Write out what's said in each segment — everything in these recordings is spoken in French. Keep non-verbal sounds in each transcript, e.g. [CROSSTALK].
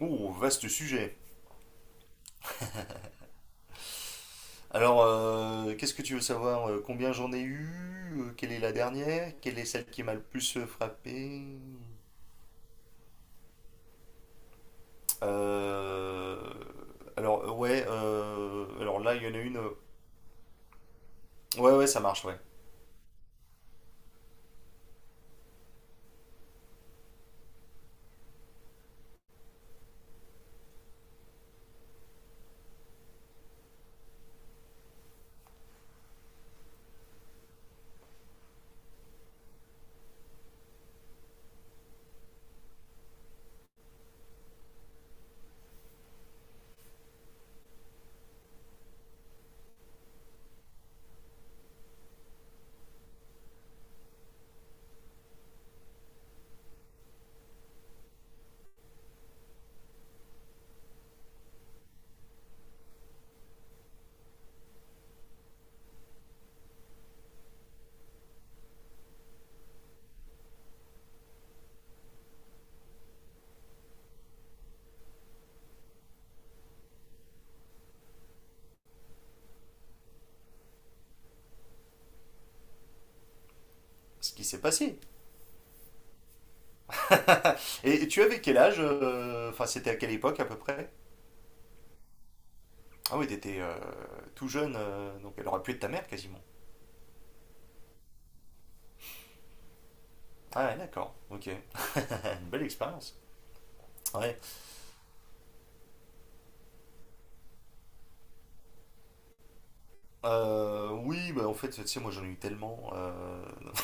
Oh, vaste sujet. Alors, qu'est-ce que tu veux savoir? Combien j'en ai eu? Quelle est la dernière? Quelle est celle qui m'a le plus frappé? Euh, Alors, ouais, alors là, il y en a une. Ouais, ouais, ça marche, ouais. Ce qui s'est passé. Et tu avais quel âge? Enfin, c'était à quelle époque à peu près? Ah oui, t'étais tout jeune, donc elle aurait pu être ta mère quasiment. Ah, ouais, d'accord, ok. [LAUGHS] Une belle expérience. Ouais. Oui, bah en fait, tu sais, moi j'en ai eu tellement.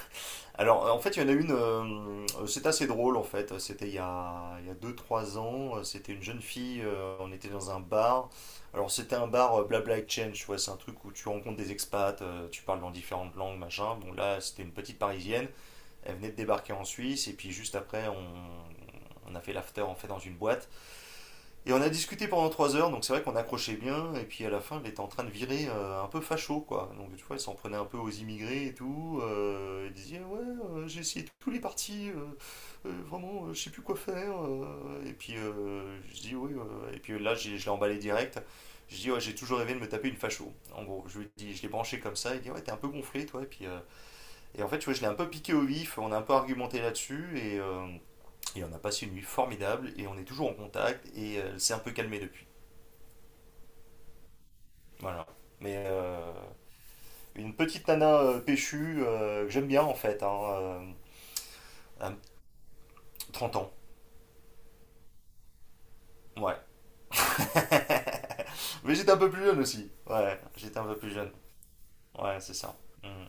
[LAUGHS] Alors, en fait, il y en a une, c'est assez drôle en fait. C'était il y a 2 3 ans. C'était une jeune fille, on était dans un bar. Alors, c'était un bar Blabla Exchange, tu vois, c'est un truc où tu rencontres des expats, tu parles dans différentes langues, machin. Bon, là, c'était une petite parisienne. Elle venait de débarquer en Suisse et puis juste après, on a fait l'after en fait dans une boîte. Et on a discuté pendant 3 heures, donc c'est vrai qu'on accrochait bien, et puis à la fin, il était en train de virer un peu facho, quoi. Donc tu vois, il s'en prenait un peu aux immigrés et tout. Il disait, ouais, j'ai essayé tous les partis, vraiment, je sais plus quoi faire. Et puis je dis, oui, Et puis là, je l'ai emballé direct. Je dis, ouais, j'ai toujours rêvé de me taper une facho. En gros, je lui dis, je l'ai branché comme ça, il dit, ouais, t'es un peu gonflé, toi. Et puis, et en fait, tu vois, je l'ai un peu piqué au vif, on a un peu argumenté là-dessus, et on a passé une nuit formidable et on est toujours en contact et elle s'est un peu calmée depuis. Voilà. Mais une petite nana péchue que j'aime bien en fait, hein, à ans. Ouais. [LAUGHS] Mais j'étais un peu plus jeune aussi. Ouais, j'étais un peu plus jeune. Ouais, c'est ça. Hmm.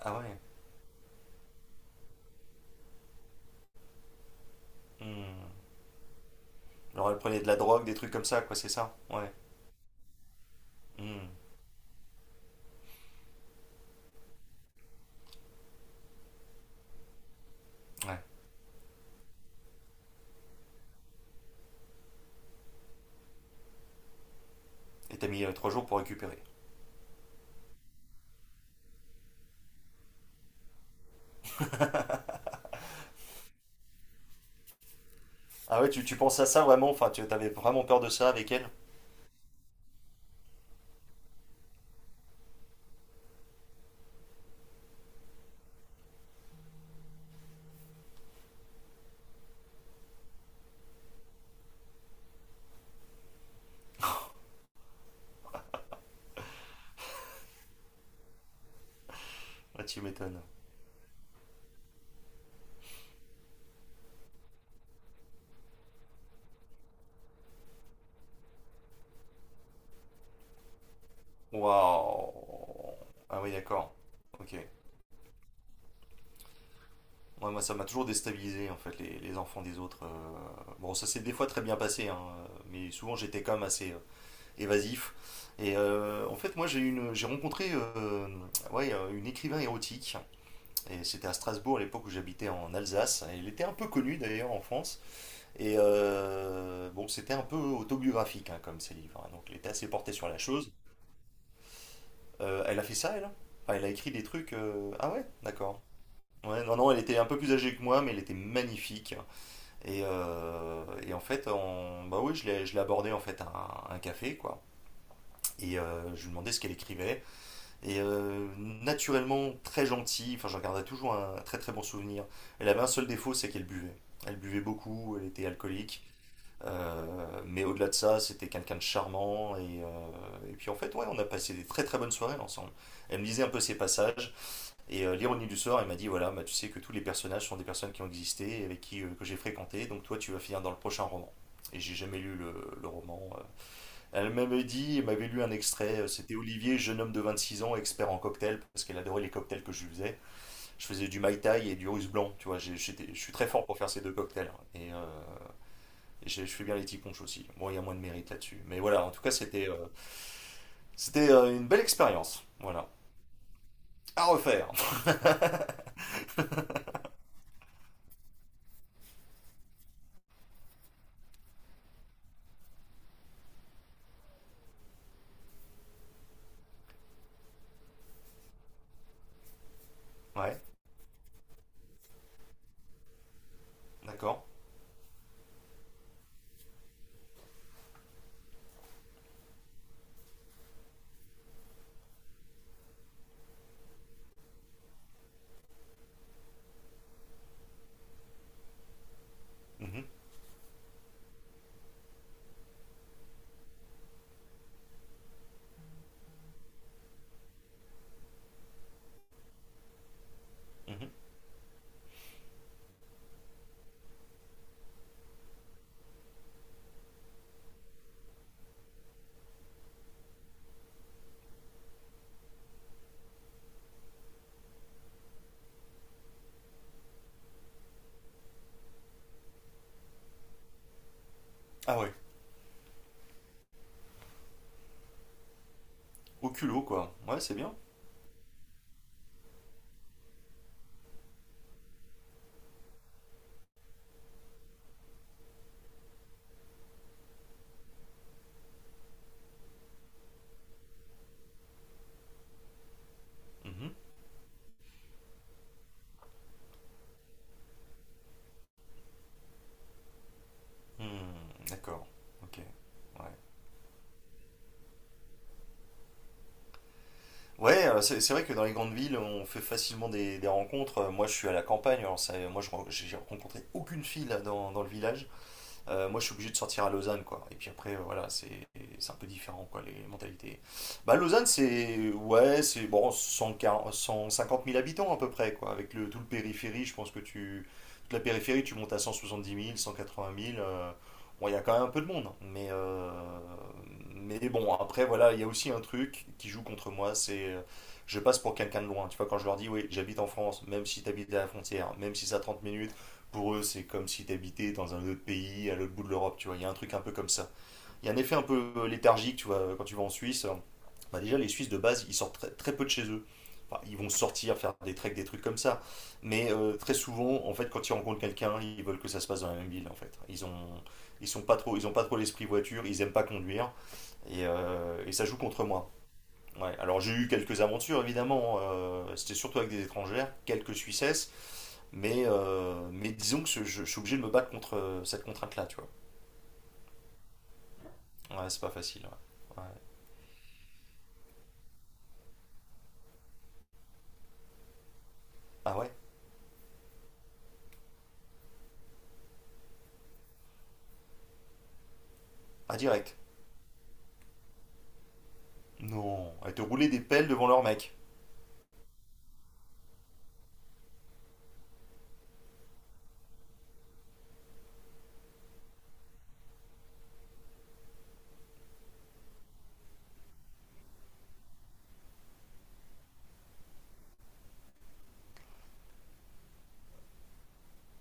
Ah ouais. Hmm. Alors elle prenait de la drogue, des trucs comme ça, quoi, c'est ça? Ouais. Hmm. Ouais. Et t'as mis 3 jours pour récupérer. Ah ouais, tu penses à ça vraiment? Enfin, tu avais vraiment peur de ça avec elle? Ah, tu m'étonnes. Waouh. Ah oui, d'accord. Ok. Ouais, moi, ça m'a toujours déstabilisé, en fait, les enfants des autres. Bon, ça s'est des fois très bien passé, hein, mais souvent j'étais quand même assez évasif. Et en fait, moi, j'ai rencontré ouais, une écrivain érotique. Et c'était à Strasbourg, à l'époque où j'habitais en Alsace. Elle était un peu connue, d'ailleurs, en France. Et bon, c'était un peu autobiographique, hein, comme ses livres. Hein. Donc, elle était assez portée sur la chose. Elle a fait ça, elle? Enfin, elle a écrit des trucs. Ah ouais, d'accord. Ouais, non, non, elle était un peu plus âgée que moi, mais elle était magnifique. Et en fait, bah oui, je l'ai abordée en fait à un café, quoi. Et je lui demandais ce qu'elle écrivait. Et naturellement, très gentille, enfin, j'en garderai toujours un très très bon souvenir. Elle avait un seul défaut, c'est qu'elle buvait. Elle buvait beaucoup, elle était alcoolique. Mais au-delà de ça, c'était quelqu'un de charmant. Et et puis en fait, ouais, on a passé des très très bonnes soirées ensemble. Elle me disait un peu ses passages. Et l'ironie du sort, il m'a dit voilà, bah, tu sais que tous les personnages sont des personnes qui ont existé, avec qui que j'ai fréquenté, donc toi tu vas finir dans le prochain roman. Et j'ai jamais lu le roman. Elle m'avait dit, elle m'avait lu un extrait, c'était Olivier, jeune homme de 26 ans, expert en cocktail, parce qu'elle adorait les cocktails que je faisais. Je faisais du Mai Tai et du russe blanc, tu vois, je suis très fort pour faire ces deux cocktails. Hein. Et je fais bien les ticonches aussi. Bon, il y a moins de mérite là-dessus. Mais voilà, en tout cas, c'était une belle expérience. Voilà. À refaire. [LAUGHS] Ouais, d'accord. Mhm, mhm. Ah ouais, au culot quoi. Ouais, c'est bien. Mhm. Hmm, d'accord, ok. Ouais, ouais c'est vrai que dans les grandes villes, on fait facilement des rencontres. Moi, je suis à la campagne, alors moi, j'ai rencontré aucune fille là, dans le village. Moi, je suis obligé de sortir à Lausanne, quoi. Et puis après, voilà, c'est un peu différent, quoi, les mentalités. Bah, Lausanne, c'est, ouais, bon, 140 150 000 habitants à peu près, quoi. Avec tout le périphérie, je pense que toute la périphérie, tu montes à 170 000, 180 000. Bon, il y a quand même un peu de monde. Mais, bon, après, voilà, il y a aussi un truc qui joue contre moi, je passe pour quelqu'un de loin. Tu vois, quand je leur dis, oui, j'habite en France, même si tu habites à la frontière, même si c'est à 30 minutes, pour eux, c'est comme si tu habitais dans un autre pays, à l'autre bout de l'Europe, tu vois. Il y a un truc un peu comme ça. Il y a un effet un peu léthargique, tu vois, quand tu vas en Suisse. Bah déjà, les Suisses, de base, ils sortent très, très peu de chez eux. Enfin, ils vont sortir, faire des treks, des trucs comme ça. Mais très souvent, en fait, quand ils rencontrent quelqu'un, ils veulent que ça se passe dans la même ville, en fait. Ils sont pas trop, ils ont pas trop l'esprit voiture, ils aiment pas conduire, et ça joue contre moi. Ouais. Alors j'ai eu quelques aventures, évidemment. Hein. C'était surtout avec des étrangères, quelques Suissesses. Mais, disons que je suis obligé de me battre contre cette contrainte-là, tu vois. Ouais, c'est pas facile. Ouais. Ouais. Ah ouais? Ah, direct. Non, elle te roulait des pelles devant leur mec.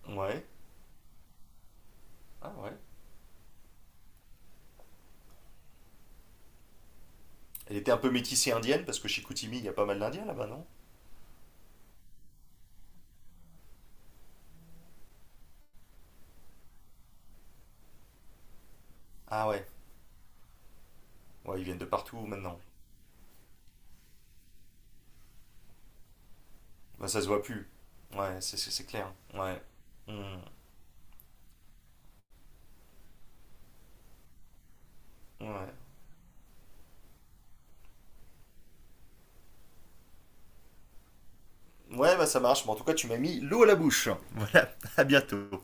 Ouais. Ah ouais. Elle était un peu métissée indienne, parce que chez Koutimi, il y a pas mal d'Indiens là-bas, non? Ah ouais. Ouais, ils viennent de partout maintenant. Bah, ça se voit plus. Ouais, c'est clair. Ouais. Hmm. Ouais. Ouais, bah ça marche. Mais en tout cas, tu m'as mis l'eau à la bouche. Voilà, [LAUGHS] à bientôt.